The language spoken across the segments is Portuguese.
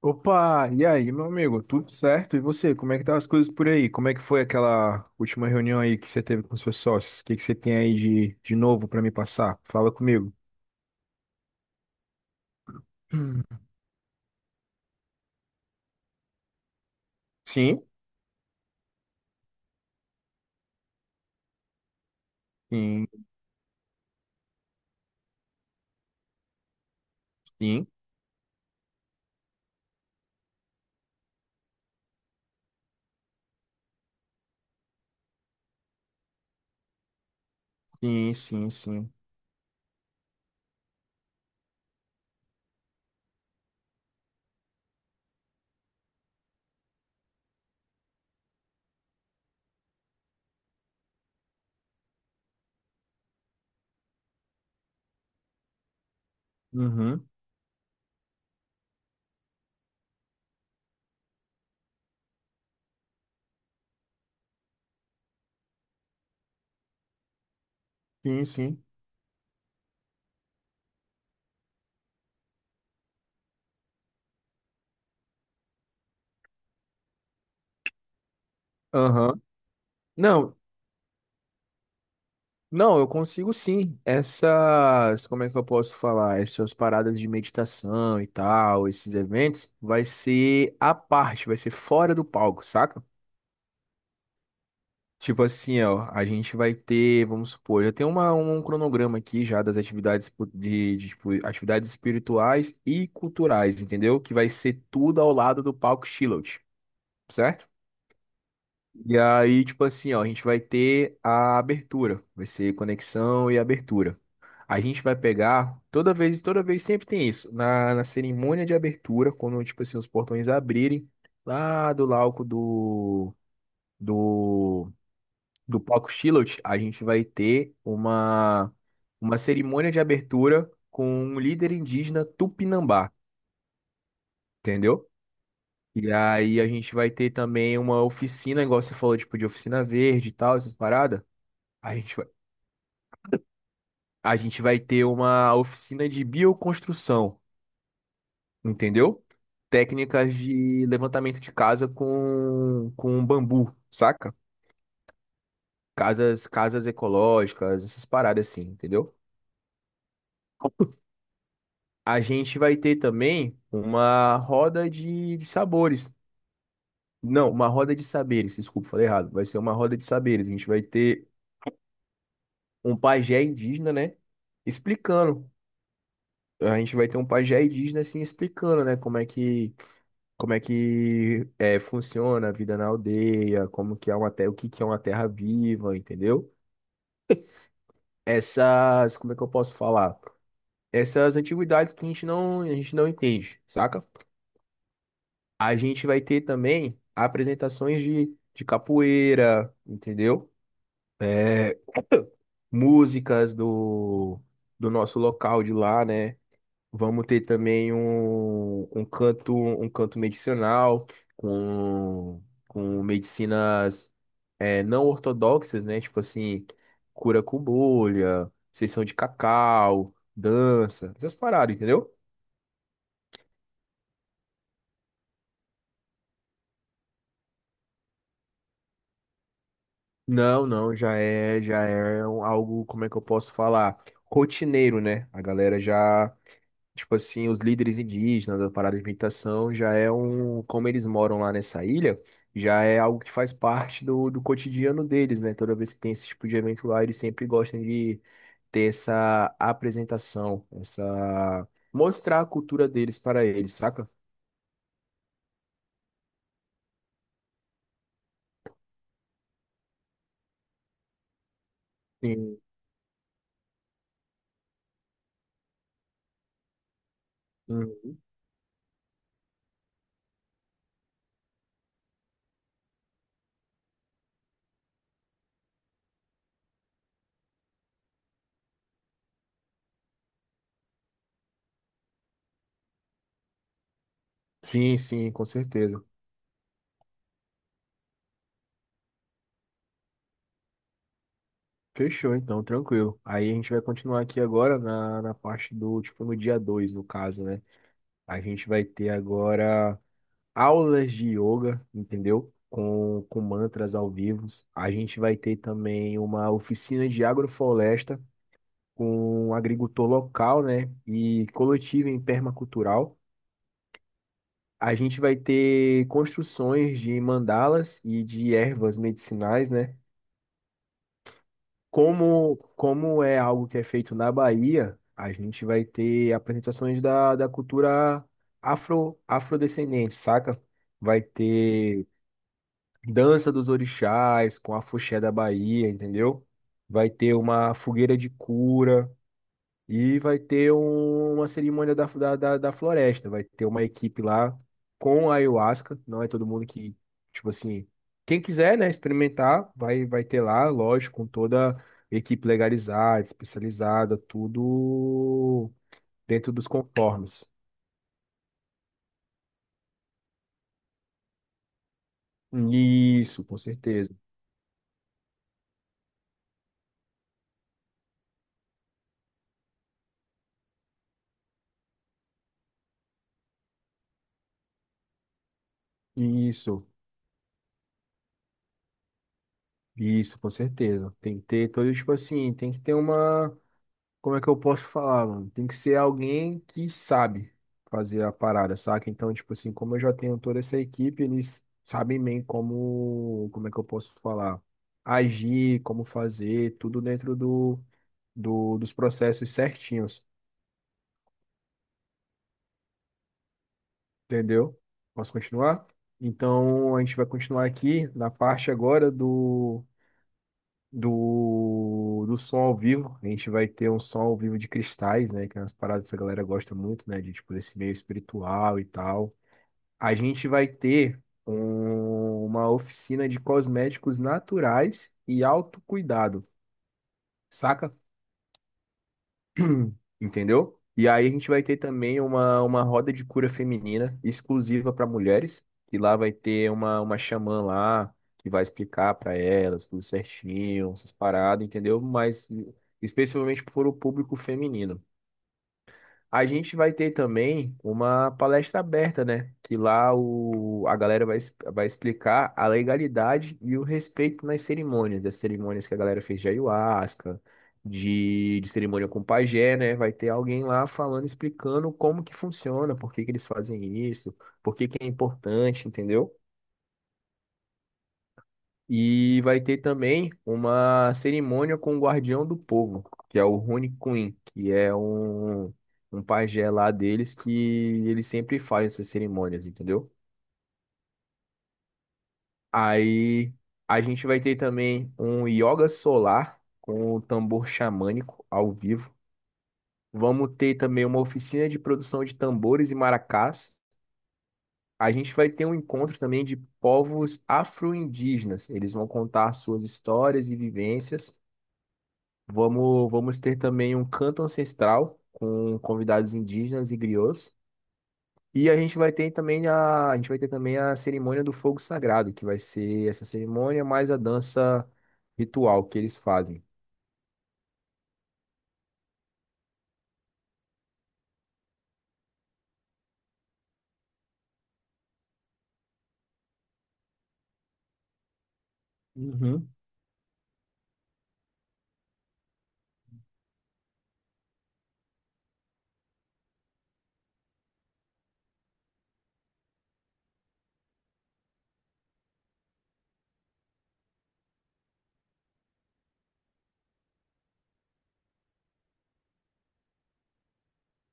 Opa, e aí, meu amigo? Tudo certo? E você? Como é que tá as coisas por aí? Como é que foi aquela última reunião aí que você teve com seus sócios? O que que você tem aí de, novo para me passar? Fala comigo. Hum. Sim, sim, sim, sim, sim, sim. Uhum, sim, sim. Aham. Não, não, eu consigo sim. Essas, como é que eu posso falar? Essas paradas de meditação e tal, esses eventos, vai ser à parte, vai ser fora do palco, saca? Tipo assim, ó, a gente vai ter, vamos supor, eu tenho um cronograma aqui já das atividades de, tipo, atividades espirituais e culturais, entendeu? Que vai ser tudo ao lado do palco Shiloh, certo? E aí, tipo assim, ó, a gente vai ter a abertura, vai ser conexão e abertura. A gente vai pegar, toda vez sempre tem isso, na cerimônia de abertura, quando, tipo assim, os portões abrirem, lá do lauco do, do do palco Shiloh, a gente vai ter uma cerimônia de abertura com um líder indígena Tupinambá, entendeu? E aí a gente vai ter também uma oficina, igual você falou, tipo de oficina verde e tal, essas paradas. A gente vai, a gente vai ter uma oficina de bioconstrução, entendeu? Técnicas de levantamento de casa com, bambu, saca? Casas ecológicas, essas paradas assim, entendeu? A gente vai ter também uma roda de, sabores. Não, uma roda de saberes, desculpa, falei errado. Vai ser uma roda de saberes. A gente vai ter um pajé indígena, né? Explicando. A gente vai ter um pajé indígena assim explicando, né? Como é que é, funciona a vida na aldeia, como que é uma terra, o que que é uma terra viva, entendeu? Essas, como é que eu posso falar? Essas antiguidades que a gente não entende, saca? A gente vai ter também apresentações de, capoeira, entendeu? É, músicas do, nosso local de lá, né? Vamos ter também um, um canto medicinal com, medicinas é, não ortodoxas, né? Tipo assim, cura com bolha, sessão de cacau, dança, essas paradas, entendeu? Não, já é algo, como é que eu posso falar? Rotineiro, né? A galera já, tipo assim, os líderes indígenas da parada de meditação já é um, como eles moram lá nessa ilha, já é algo que faz parte do, cotidiano deles, né? Toda vez que tem esse tipo de evento lá, eles sempre gostam de ter essa apresentação, essa mostrar a cultura deles para eles, saca? Sim, uhum. Sim, sim, com certeza. Fechou, então, tranquilo. Aí a gente vai continuar aqui agora na parte do, tipo, no dia 2 no caso, né? A gente vai ter agora aulas de yoga, entendeu? Com, mantras ao vivo. A gente vai ter também uma oficina de agrofloresta com um agricultor local, né? E coletiva em permacultural. A gente vai ter construções de mandalas e de ervas medicinais, né? Como, como é algo que é feito na Bahia, a gente vai ter apresentações da, cultura afro, afrodescendente, saca? Vai ter dança dos orixás com a afoxé da Bahia, entendeu? Vai ter uma fogueira de cura. E vai ter uma cerimônia da floresta. Vai ter uma equipe lá com a ayahuasca. Não é todo mundo que, tipo assim, quem quiser, né, experimentar, vai, vai ter lá, lógico, com toda a equipe legalizada, especializada, tudo dentro dos conformes. Isso, com certeza. Isso, isso, com certeza. Tem que ter todo, tipo assim, tem que ter uma. Como é que eu posso falar, mano? Tem que ser alguém que sabe fazer a parada, saca? Então, tipo assim, como eu já tenho toda essa equipe, eles sabem bem como, como é que eu posso falar, agir, como fazer, tudo dentro do, dos processos certinhos, entendeu? Posso continuar? Então, a gente vai continuar aqui na parte agora do do som ao vivo. A gente vai ter um som ao vivo de cristais, né? Que é umas paradas que a galera gosta muito, né? De tipo desse meio espiritual e tal. A gente vai ter uma oficina de cosméticos naturais e autocuidado, saca? Entendeu? E aí a gente vai ter também uma, roda de cura feminina exclusiva para mulheres, que lá vai ter uma, xamã lá que vai explicar para elas tudo certinho, essas paradas, entendeu? Mas especialmente para o público feminino. A gente vai ter também uma palestra aberta, né? Que lá o, a galera vai, vai explicar a legalidade e o respeito nas cerimônias, das cerimônias que a galera fez de ayahuasca, de, cerimônia com pajé, né? Vai ter alguém lá falando, explicando como que funciona, por que que eles fazem isso, por que que é importante, entendeu? E vai ter também uma cerimônia com o Guardião do Povo, que é o Rune Queen, que é um, pajé lá deles que ele sempre faz essas cerimônias, entendeu? Aí a gente vai ter também um yoga solar com o tambor xamânico ao vivo. Vamos ter também uma oficina de produção de tambores e maracás. A gente vai ter um encontro também de povos afro-indígenas. Eles vão contar suas histórias e vivências. Vamos ter também um canto ancestral com convidados indígenas e griots. E a gente vai ter também a cerimônia do fogo sagrado, que vai ser essa cerimônia mais a dança ritual que eles fazem. Uhum.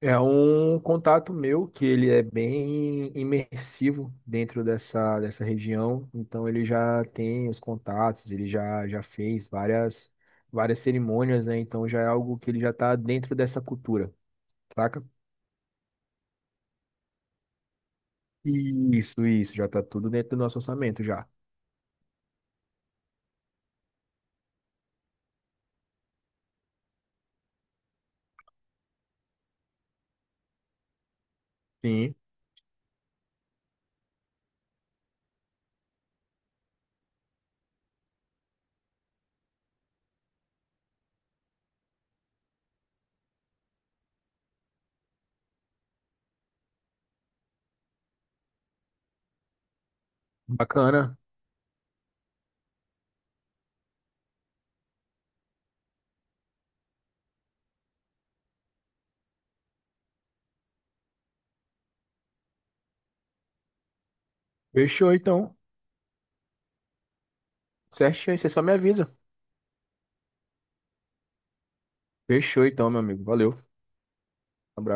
É um contato meu que ele é bem imersivo dentro dessa, região, então ele já tem os contatos, já fez várias, cerimônias, né? Então já é algo que ele já está dentro dessa cultura. Saca? Isso, já tá tudo dentro do nosso orçamento já. Sim, bacana. Fechou então. Certinho, aí, você só me avisa. Fechou então, meu amigo. Valeu.